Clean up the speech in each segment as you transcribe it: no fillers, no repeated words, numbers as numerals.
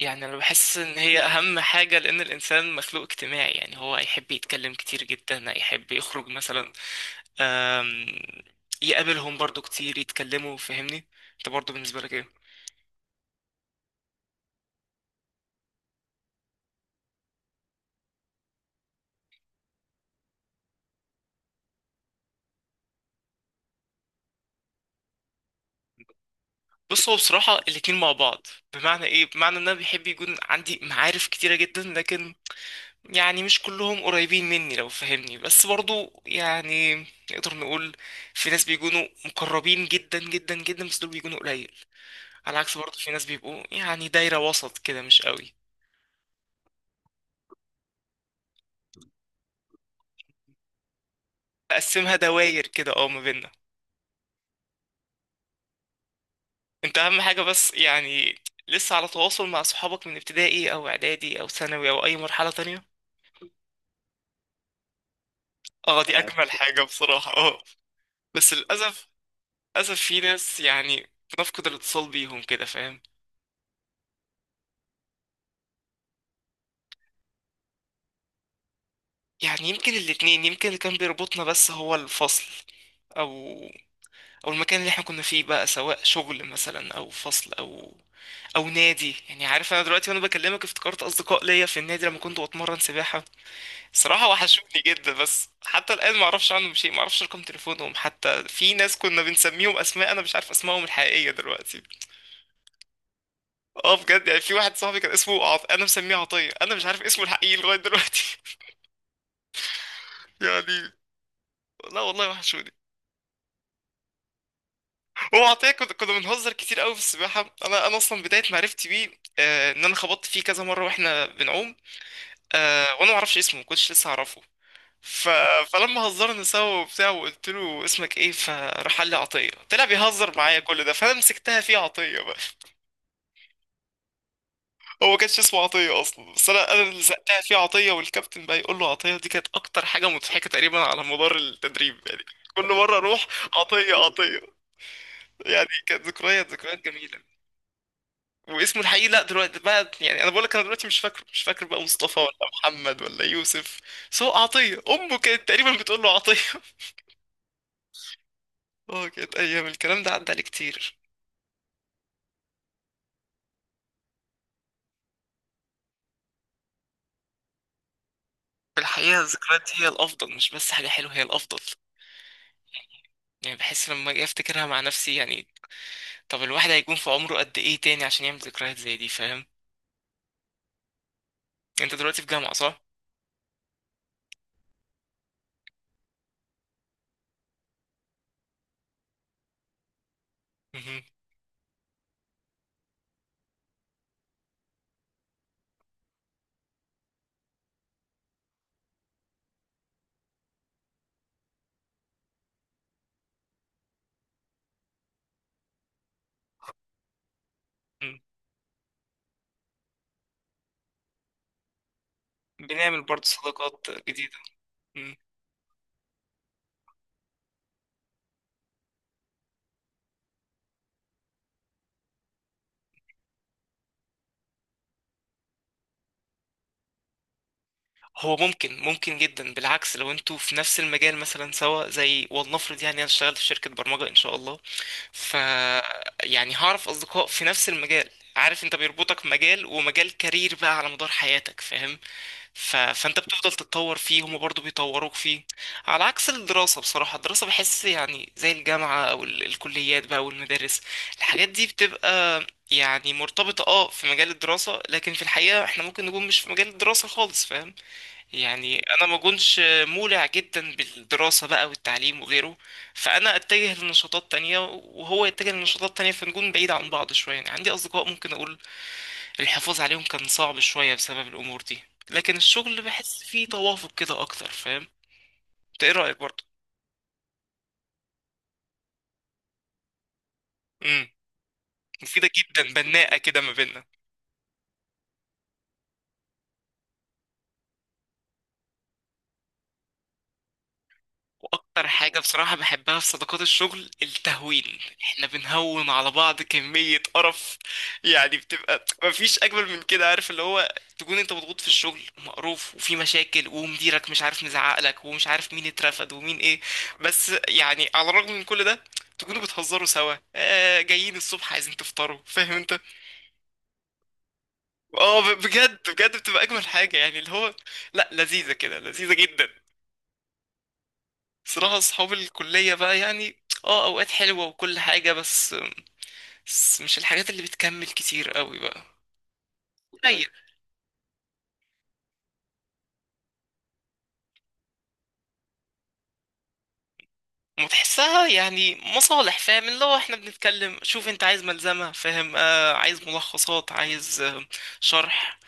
يعني انا بحس ان هي اهم حاجة، لان الانسان مخلوق اجتماعي. يعني هو هيحب يتكلم كتير جدا، هيحب يخرج مثلا، آم، يقابلهم برضو كتير، يتكلموا. فاهمني؟ انت برضو بالنسبة لك ايه؟ بص، هو بصراحة الاتنين مع بعض. بمعنى ايه؟ بمعنى ان انا بيحب يكون عندي معارف كتيرة جدا، لكن يعني مش كلهم قريبين مني، لو فهمني. بس برضو يعني نقدر نقول في ناس بيكونوا مقربين جدا جدا جدا، بس دول بيكونوا قليل. على عكس برضه في ناس بيبقوا يعني دايرة وسط كده مش قوي. اقسمها دواير كده، اه، ما بيننا. انت اهم حاجة، بس يعني لسه على تواصل مع صحابك من ابتدائي او اعدادي او ثانوي او اي مرحلة تانية؟ اه، دي اجمل حاجة بصراحة، اه. بس للاسف في ناس يعني بنفقد الاتصال بيهم كده، فاهم؟ يعني يمكن الاتنين. يمكن اللي كان بيربطنا بس هو الفصل، او او المكان اللي احنا كنا فيه بقى، سواء شغل مثلا او فصل او نادي. يعني عارف، انا دلوقتي وانا بكلمك افتكرت اصدقاء ليا في النادي، لما كنت بتمرن سباحه. صراحه وحشوني جدا، بس حتى الان ما اعرفش عنهم شيء. ما اعرفش رقم تليفونهم، حتى في ناس كنا بنسميهم اسماء، انا مش عارف اسمائهم الحقيقيه دلوقتي. اه بجد، يعني في واحد صاحبي كان اسمه انا مسميه عطيه. انا مش عارف اسمه الحقيقي لغايه دلوقتي. يعني، لا والله وحشوني. هو عطيه، كنا بنهزر كتير قوي في السباحه. انا اصلا بدايه معرفتي بيه، ان انا خبطت فيه كذا مره واحنا بنعوم. وانا ما اعرفش اسمه، ما كنتش لسه اعرفه. ف... فلما هزرنا سوا وبتاع وقلت له اسمك ايه، فراح قال لي عطيه، طلع بيهزر معايا، كل ده فانا مسكتها فيه عطيه بقى. هو ما كانش اسمه عطيه اصلا، بس انا اللي زقتها فيه عطيه، والكابتن بقى يقول له عطيه. دي كانت اكتر حاجه مضحكه تقريبا على مدار التدريب يعني، كل مره اروح عطيه عطيه. يعني كانت ذكريات جميله. واسمه الحقيقي، لا دلوقتي بقى، يعني انا بقول لك انا دلوقتي مش فاكر بقى مصطفى ولا محمد ولا يوسف. بس هو عطيه، امه كانت تقريبا بتقول له عطيه. اه كانت ايام، الكلام ده عدى عليه كتير. في الحقيقة الذكريات هي الأفضل. مش بس حاجة حلوة، هي الأفضل. يعني بحس لما أجي أفتكرها مع نفسي يعني. طب الواحد هيكون في عمره قد إيه تاني عشان يعمل ذكريات زي دي، فاهم؟ أنت دلوقتي في جامعة صح؟ مهم. مم. بنعمل برضه صداقات جديدة. مم. هو ممكن جدا بالعكس، لو انتوا في نفس المجال مثلا سوا، زي ولنفرض يعني انا اشتغلت في شركة برمجة ان شاء الله. ف يعني هعرف اصدقاء في نفس المجال. عارف انت، بيربطك مجال، ومجال كارير بقى على مدار حياتك، فاهم؟ فانت بتفضل تتطور فيه، هما برضو بيطوروك فيه. على عكس الدراسة، بصراحة الدراسة بحس يعني زي الجامعة او الكليات بقى والمدارس، الحاجات دي بتبقى يعني مرتبطة، اه، في مجال الدراسة. لكن في الحقيقة احنا ممكن نكون مش في مجال الدراسة خالص، فاهم؟ يعني انا ما كنتش مولع جدا بالدراسة بقى والتعليم وغيره، فانا اتجه لنشاطات تانية وهو يتجه لنشاطات تانية، فنكون بعيد عن بعض شوية. يعني عندي اصدقاء ممكن اقول الحفاظ عليهم كان صعب شوية بسبب الأمور دي. لكن الشغل بحس فيه توافق كده أكتر، فاهم؟ انت ايه رأيك برضه؟ امم. مفيدة جدا، بناءة كده ما بيننا. واكتر حاجة بصراحة بحبها في صداقات الشغل، التهوين. احنا بنهون على بعض كمية قرف، يعني بتبقى مفيش اجمل من كده، عارف؟ اللي هو تكون انت مضغوط في الشغل، ومقروف، وفي مشاكل، ومديرك مش عارف مزعقلك، ومش عارف مين اترفد ومين ايه. بس يعني على الرغم من كل ده، تكونوا بتهزروا سوا، جايين الصبح عايزين تفطروا، فاهم انت؟ اه، بجد بجد، بتبقى اجمل حاجة يعني. اللي هو، لا، لذيذة كده، لذيذة جدا. صراحة أصحاب الكلية بقى، يعني اه أوقات حلوة وكل حاجة، بس مش الحاجات اللي بتكمل كتير قوي بقى. قليل. وتحسها يعني مصالح، فاهم؟ اللي هو احنا بنتكلم، شوف انت عايز ملزمة، فاهم، عايز ملخصات، عايز شرح.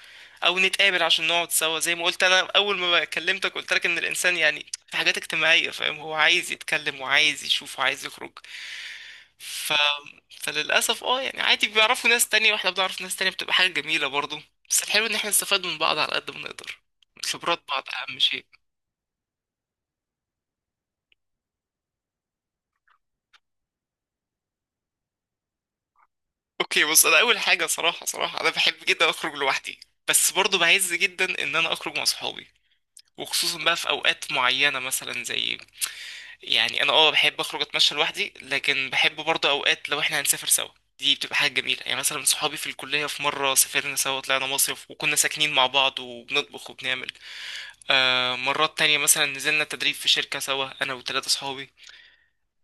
او نتقابل عشان نقعد سوا. زي ما قلت انا اول ما كلمتك، قلت لك ان الانسان يعني في حاجات اجتماعيه، فاهم؟ هو عايز يتكلم وعايز يشوف وعايز يخرج. ف... فللاسف، اه، يعني عادي بيعرفوا ناس تانية واحنا بنعرف ناس تانية، بتبقى حاجه جميله برضو. بس الحلو ان احنا نستفاد من بعض على قد ما نقدر، خبرات بعض اهم شيء. اوكي بص، انا اول حاجه، صراحه صراحه انا بحب جدا اخرج لوحدي. بس برضو بعز جدا ان انا اخرج مع صحابي، وخصوصا بقى في اوقات معينه، مثلا زي يعني انا اه بحب اخرج اتمشى لوحدي، لكن بحب برضه اوقات لو احنا هنسافر سوا. دي بتبقى حاجة جميلة. يعني مثلا صحابي في الكلية، في مرة سافرنا سوا، طلعنا مصيف وكنا ساكنين مع بعض وبنطبخ وبنعمل. مرات تانية مثلا نزلنا تدريب في شركة سوا، انا وثلاثة صحابي.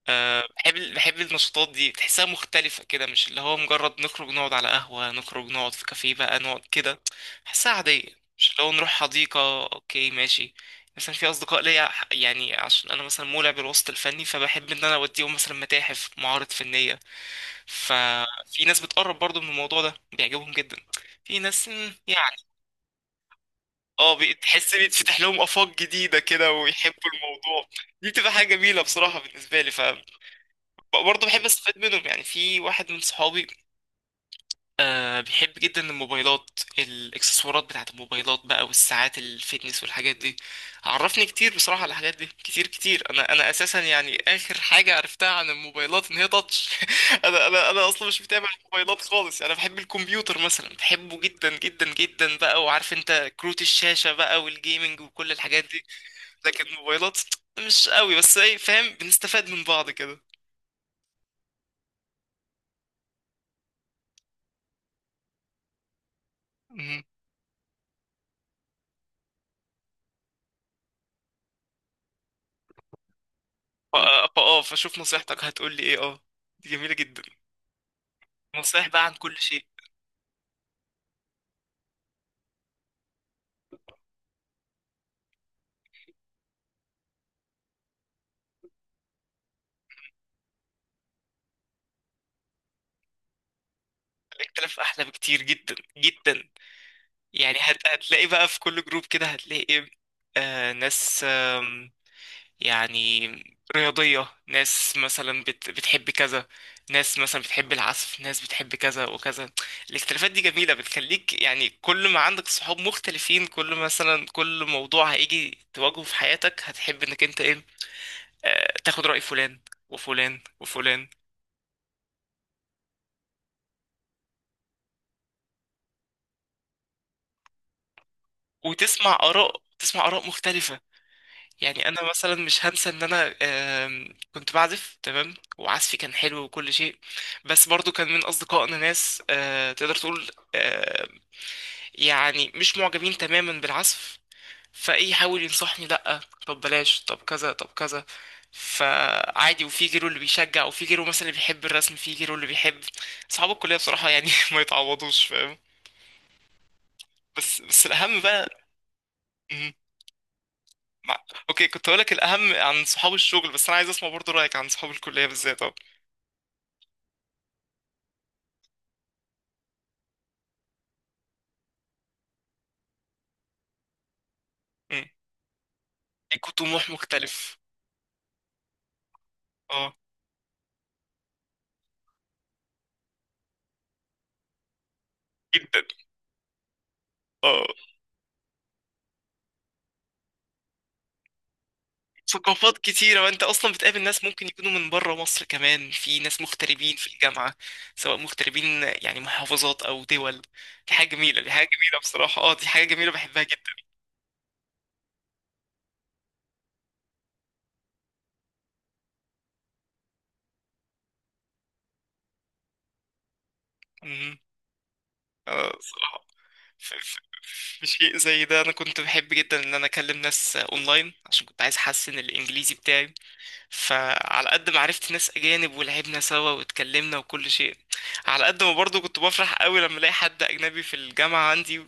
بحب النشاطات دي، تحسها مختلفة كده. مش اللي هو مجرد نخرج نقعد على قهوة، نخرج نقعد في كافيه بقى، نقعد كده، بحسها عادية. مش اللي هو نروح حديقة، اوكي ماشي. مثلا في أصدقاء ليا يعني عشان أنا مثلا مولع بالوسط الفني، فبحب إن أنا أوديهم مثلا متاحف، معارض فنية. ففي ناس بتقرب برضو من الموضوع ده، بيعجبهم جدا. في ناس يعني اه تحس بيتفتح لهم آفاق جديدة كده ويحبوا الموضوع. دي بتبقى حاجة جميلة بصراحة بالنسبة لي. برضه بحب استفاد منهم، يعني في واحد من صحابي، بيحب جدا الموبايلات، الاكسسوارات بتاعت الموبايلات بقى، والساعات الفيتنس والحاجات دي. عرفني كتير بصراحة على الحاجات دي كتير كتير. انا اساسا يعني اخر حاجة عرفتها عن الموبايلات ان هي تاتش. انا اصلا مش متابع الموبايلات خالص. يعني انا بحب الكمبيوتر مثلا، بحبه جدا جدا جدا بقى، وعارف انت كروت الشاشة بقى والجيمنج وكل الحاجات دي. لكن الموبايلات مش قوي، بس ايه، فاهم، بنستفاد من بعض كده. ف- فاه فشوف نصيحتك هتقول لي ايه، اه. دي جميلة جدا، نصايح بقى عن كل شيء. الاختلاف احلى بكتير جدا جدا. يعني هتلاقي بقى في كل جروب كده، هتلاقي ايه؟ ناس يعني رياضية، ناس مثلا بتحب كذا، ناس مثلا بتحب العزف، ناس بتحب كذا وكذا. الاختلافات دي جميلة، بتخليك يعني، كل ما عندك صحاب مختلفين، كل مثلا كل موضوع هيجي تواجهه في حياتك، هتحب انك انت ايه، تاخد رأي فلان وفلان وفلان، وتسمع آراء تسمع آراء مختلفة. يعني أنا مثلا مش هنسى إن أنا كنت بعزف تمام وعزفي كان حلو وكل شيء. بس برضو كان من أصدقائنا ناس، تقدر تقول يعني مش معجبين تماما بالعزف. فإيه، يحاول ينصحني، لأ، طب بلاش، طب كذا، طب كذا. فعادي، وفي غيره اللي بيشجع، وفي غيره مثلا اللي بيحب الرسم، في غيره اللي بيحب. أصحاب الكلية بصراحة يعني ما يتعوضوش، فاهم؟ بس الأهم بقى، مع... اوكي كنت هقول لك الاهم عن صحاب الشغل، بس انا عايز اسمع برضو رايك عن صحاب الكليه بالذات، اه. أمم. ليكوا طموح مختلف، اه جدا. اه ثقافات كتيره، وانت اصلا بتقابل ناس ممكن يكونوا من بره مصر كمان، في ناس مغتربين في الجامعه، سواء مغتربين يعني محافظات او دول. دي حاجه جميله، دي حاجه جميله بصراحه، اه دي حاجه جميله بحبها جدا. أمم. اه بصراحه، ف- ف- في شيء زي ده، انا كنت بحب جدا ان انا اكلم ناس اونلاين عشان كنت عايز احسن الانجليزي بتاعي. فعلى قد ما عرفت ناس اجانب ولعبنا سوا واتكلمنا وكل شيء، على قد ما برضو كنت بفرح قوي لما الاقي حد اجنبي في الجامعه عندي،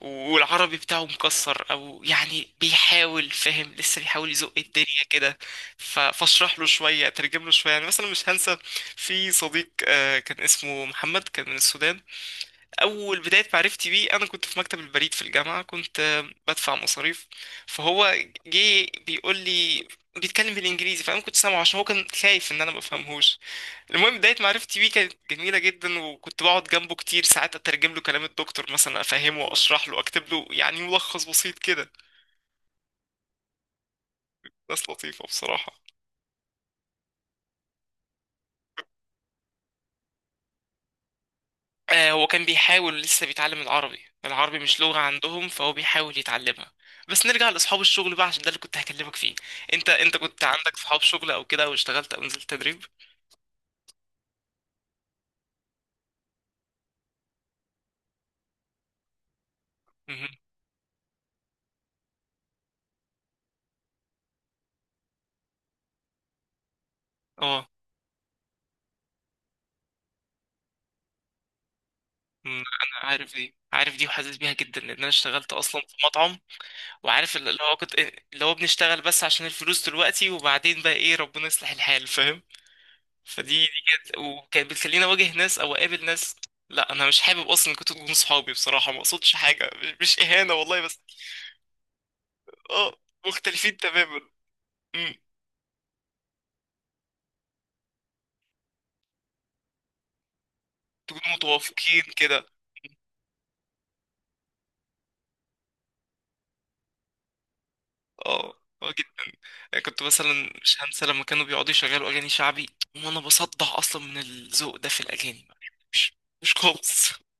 والعربي بتاعه مكسر، او يعني بيحاول، فاهم، لسه بيحاول يزق الدنيا كده. فاشرح له شويه، اترجم له شويه. يعني مثلا مش هنسى في صديق، كان اسمه محمد، كان من السودان. اول بدايه معرفتي بيه، انا كنت في مكتب البريد في الجامعه، كنت بدفع مصاريف. فهو جه بيقول لي، بيتكلم بالانجليزي. فانا كنت سامعه، عشان هو كان خايف ان انا ما بفهمهوش. المهم، بدايه معرفتي بيه كانت جميله جدا، وكنت بقعد جنبه كتير ساعات، اترجم له كلام الدكتور مثلا، افهمه واشرح له، اكتب له يعني ملخص بسيط كده. ناس لطيفه بصراحه. هو كان بيحاول، لسه بيتعلم العربي. العربي مش لغة عندهم، فهو بيحاول يتعلمها. بس نرجع لأصحاب الشغل بقى عشان ده اللي كنت هكلمك فيه. انت كنت عندك صحاب شغل او كده، او اشتغلت او نزلت تدريب؟ مهم. اه. انا عارف دي، وحاسس بيها جدا، لان انا اشتغلت اصلا في مطعم. وعارف اللي هو بنشتغل بس عشان الفلوس دلوقتي، وبعدين بقى ايه ربنا يصلح الحال فاهم. فدي كانت بتخليني اواجه ناس او اقابل ناس. لا انا مش حابب اصلا كنت تكونوا صحابي بصراحه، ما اقصدش حاجه، مش اهانه والله بس. اه، مختلفين تماما. امم. تكونوا متوافقين كده. اه اه جدا. يعني كنت مثلا مش هنسى لما كانوا بيقعدوا يشغلوا اغاني شعبي، وانا بصدع اصلا من الذوق ده في الاغاني، مش مش خالص.